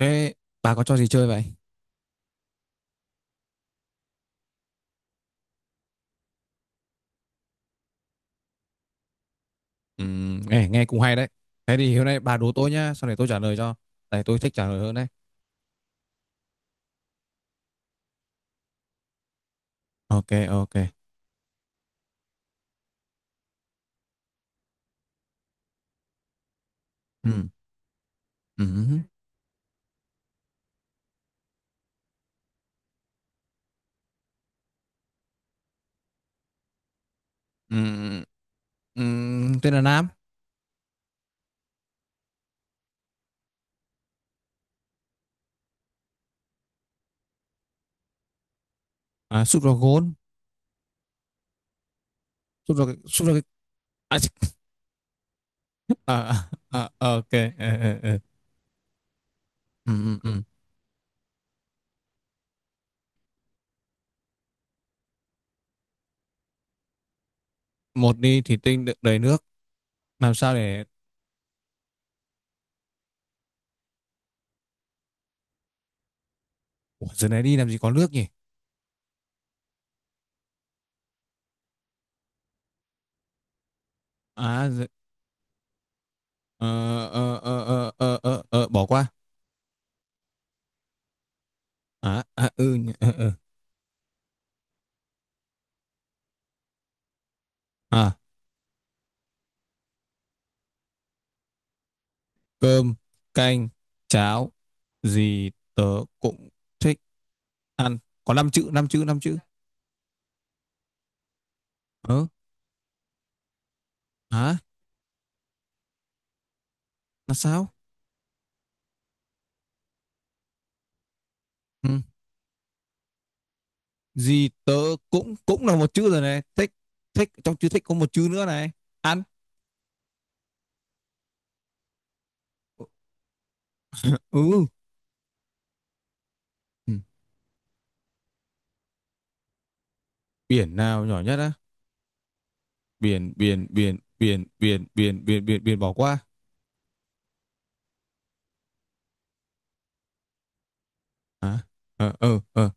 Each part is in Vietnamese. Thế bà có trò gì chơi vậy? Nghe nghe cũng hay đấy. Thế thì hôm nay bà đố tôi nhá, sau này tôi trả lời cho. Tại tôi thích trả lời hơn đấy. Ok, ok. Ừm, ừm, ừm, tên là Nam. À, sút vào gôn. Sút vào cái- à, chích. À, à, à, ok. Ờ, ờ, ờ. Ừm, ừm, ừm. Một đi thì tinh đựng đầy nước. Làm sao để... Ủa, giờ này đi làm gì có nước nhỉ? À, giờ... ờ, bỏ qua. À, à, ừ, nhỉ, ờ, ờ. À, cơm, canh, cháo, gì tớ cũng thích ăn. Có 5 chữ, 5 chữ, 5 chữ. Ờ, hả? Là sao? Ừ. Gì tớ cũng cũng là một chữ rồi này. Thích, trong chữ thích có một chữ nữa này. Ăn. Ừ. Ừ. Biển nào nhỏ nhất á? Biển, biển, biển, biển, biển, biển, biển, biển, biển bỏ qua. Hả? Ờ, ờ, ờ,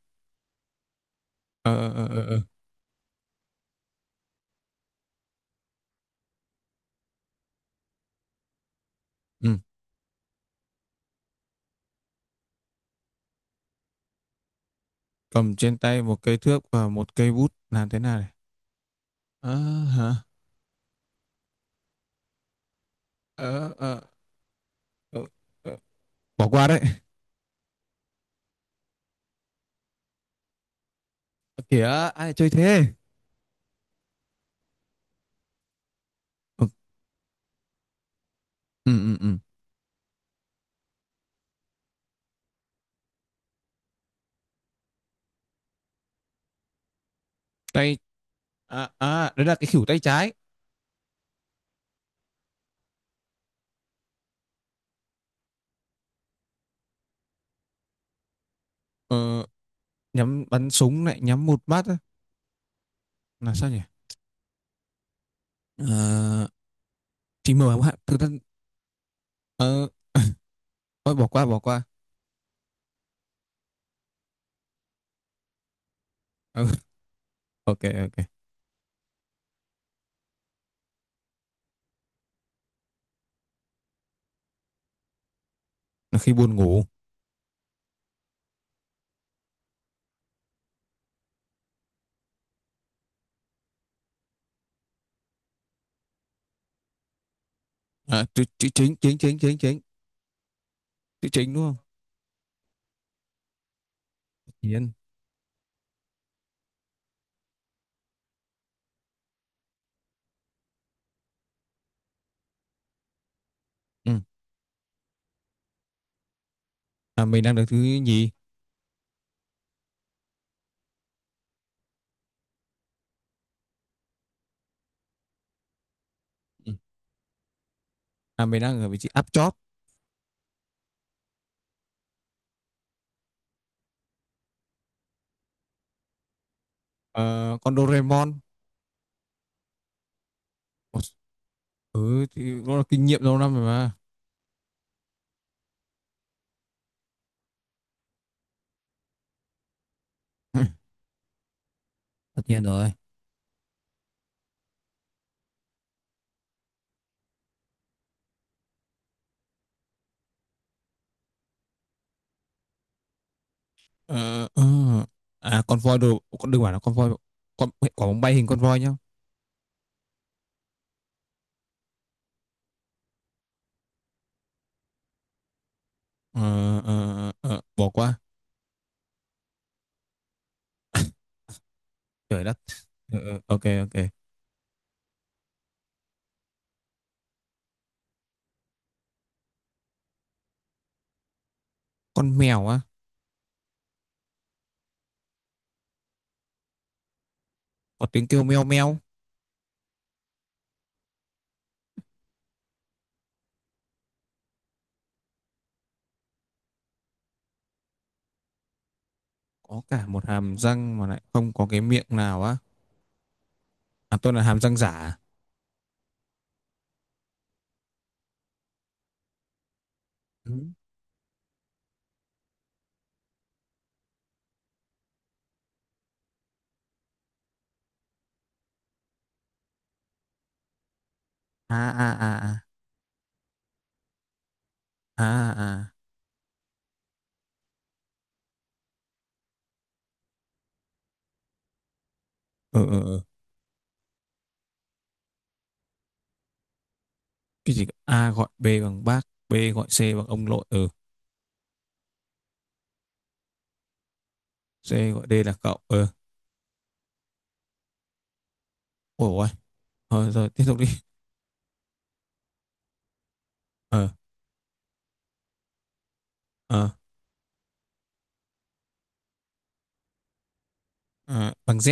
ờ, ờ, ờ, ờ, ờ. Ừ. Cầm trên tay một cây thước và một cây bút. Làm thế nào này? Ờ, hả? Ờ, ờ, ờ, ờ. Bỏ qua đấy. Ơ kìa, ai lại chơi thế? Ừ, ừ, ừ, ừ. tay à, à đấy là cái khỉu tay trái. Ờ, nhắm bắn súng lại nhắm một mắt á. Là sao nhỉ? Ờ, chỉ mở hạn thực ra. ờ, Thôi bỏ qua bỏ qua. Ờ, ok, ok. Là khi buồn ngủ. Chữ chính chính chính chính chính. Chữ chính, đúng không? Nhiên. Ừ. mình đang được thứ nhì. Ừ. Mình đang ở vị trí áp chót. Ờ, con Doraemon. Ừ thì nó là kinh nghiệm lâu năm rồi mà. Tất nhiên rồi. Ờ, ờ. À, con voi đồ, con đừng bảo là con voi, con quả bóng bay hình con voi nhá. Ờ, ờ, ờ, bỏ qua. Trời đất. Ờ, ờ, ok, ok. Con mèo á? Có tiếng kêu meo meo. Có cả một hàm răng mà lại không có cái miệng nào á? À, tôi là hàm răng giả à? Ừ. À, à, à, à, à, à, ờ, ờ, ờ. Cái gì cơ? A gọi B bằng bác. B gọi C bằng ông nội. Ừ. C gọi D là cậu. Ừ. Ôi ôi, thôi rồi, tiếp tục đi. Ờ. Ờ. ờ bằng Z.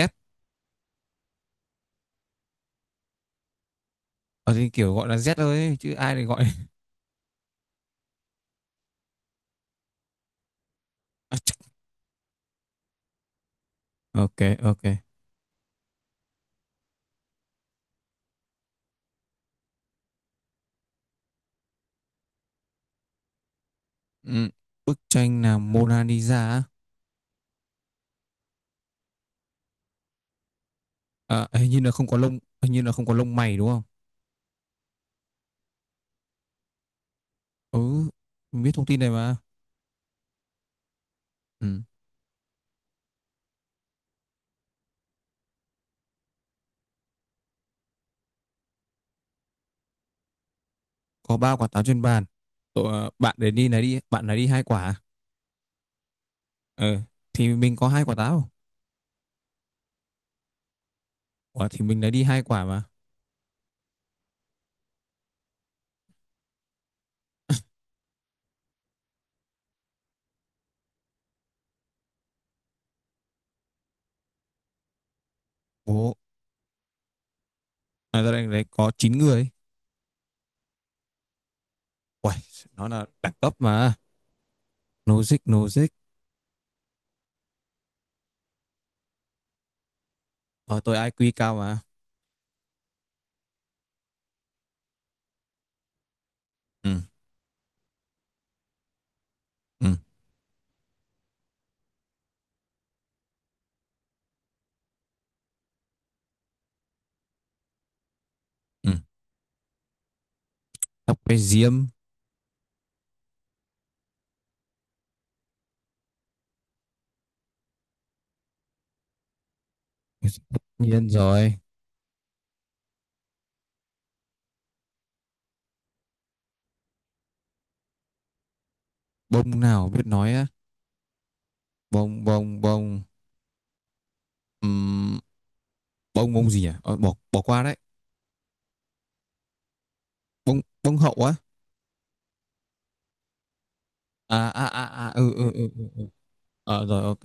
Ờ thì kiểu gọi là Z thôi chứ ai lại gọi. Ok, ok. Ừ. Bức tranh là Mona Lisa á? À, hình như là không có lông mày, đúng không? Ừ, mình biết thông tin này mà. Ừ. Có ba quả táo trên bàn. Ờ, Bạn để đi này đi bạn lấy đi hai quả à? Ờ, thì mình có hai quả táo. Ủa, thì mình lấy đi hai quả mà. Ồ. Ra đây đấy có 9 người. Uầy, nó là đẳng cấp mà. Logic, logic. Ờ, tôi IQ cao mà. Ừ, ừ, ừ. Tóc bé diêm. Tất nhiên rồi. Bông nào biết nói á? Bông. Ừm, bông bông gì? À, Ờ, bỏ bỏ qua đấy. Bông bông hậu á? À, à, à, à, ừ, ừ, ừ, ừ, ừ. Ờ, rồi, ok.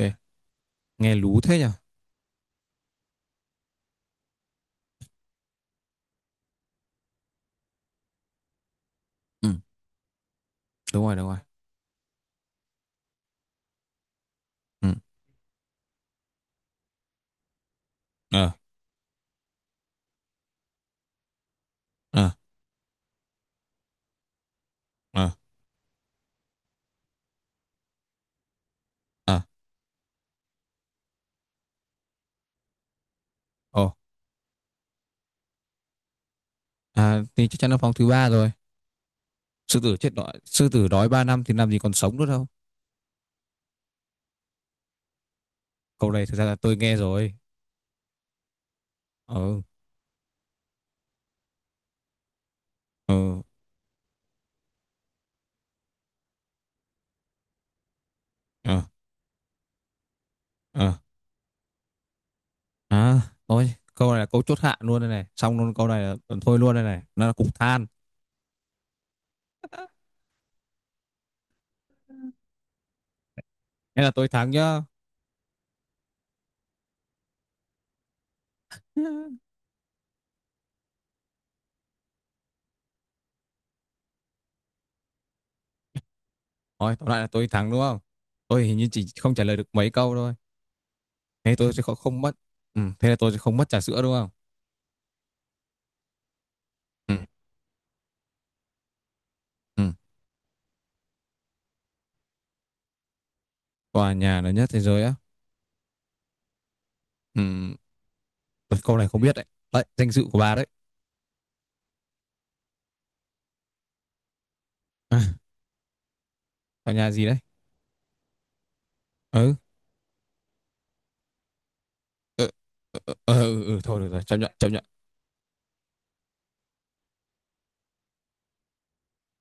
Nghe lú thế nhỉ. Ừ. Đúng rồi, đúng rồi. Ừ. Ờ, ờ, ờ, ờ. Ồ. Thì chắc chắn là phòng thứ ba rồi. Sư tử chết đói, sư tử đói ba năm thì làm gì còn sống nữa đâu. Câu này thực ra là tôi nghe rồi. Ừ, ừ. Ờ, ờ. À, thôi, câu này là câu chốt hạ luôn đây này. Xong luôn, câu này là thôi luôn đây này. Nó là cục than. Thế là tôi thắng nhá. Thôi, tóm lại là tôi thắng đúng không? Tôi hình như chỉ không trả lời được mấy câu thôi. Thế tôi sẽ không mất. Ừ, thế là tôi sẽ không mất trà sữa đúng không? Ừ, ừ. Tòa nhà lớn nhất thế giới á? Ừ, câu này không biết đấy. Đấy, danh dự của bà đấy. À, tòa nhà gì đấy? Ừ, ừ, ừ, ừ, ừ, ừ, ừ, thôi được rồi, chấp nhận, chấp nhận.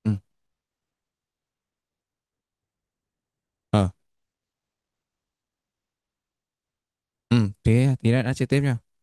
Ừ, ờ, ừ, thế tí nữa đã chơi tiếp nha.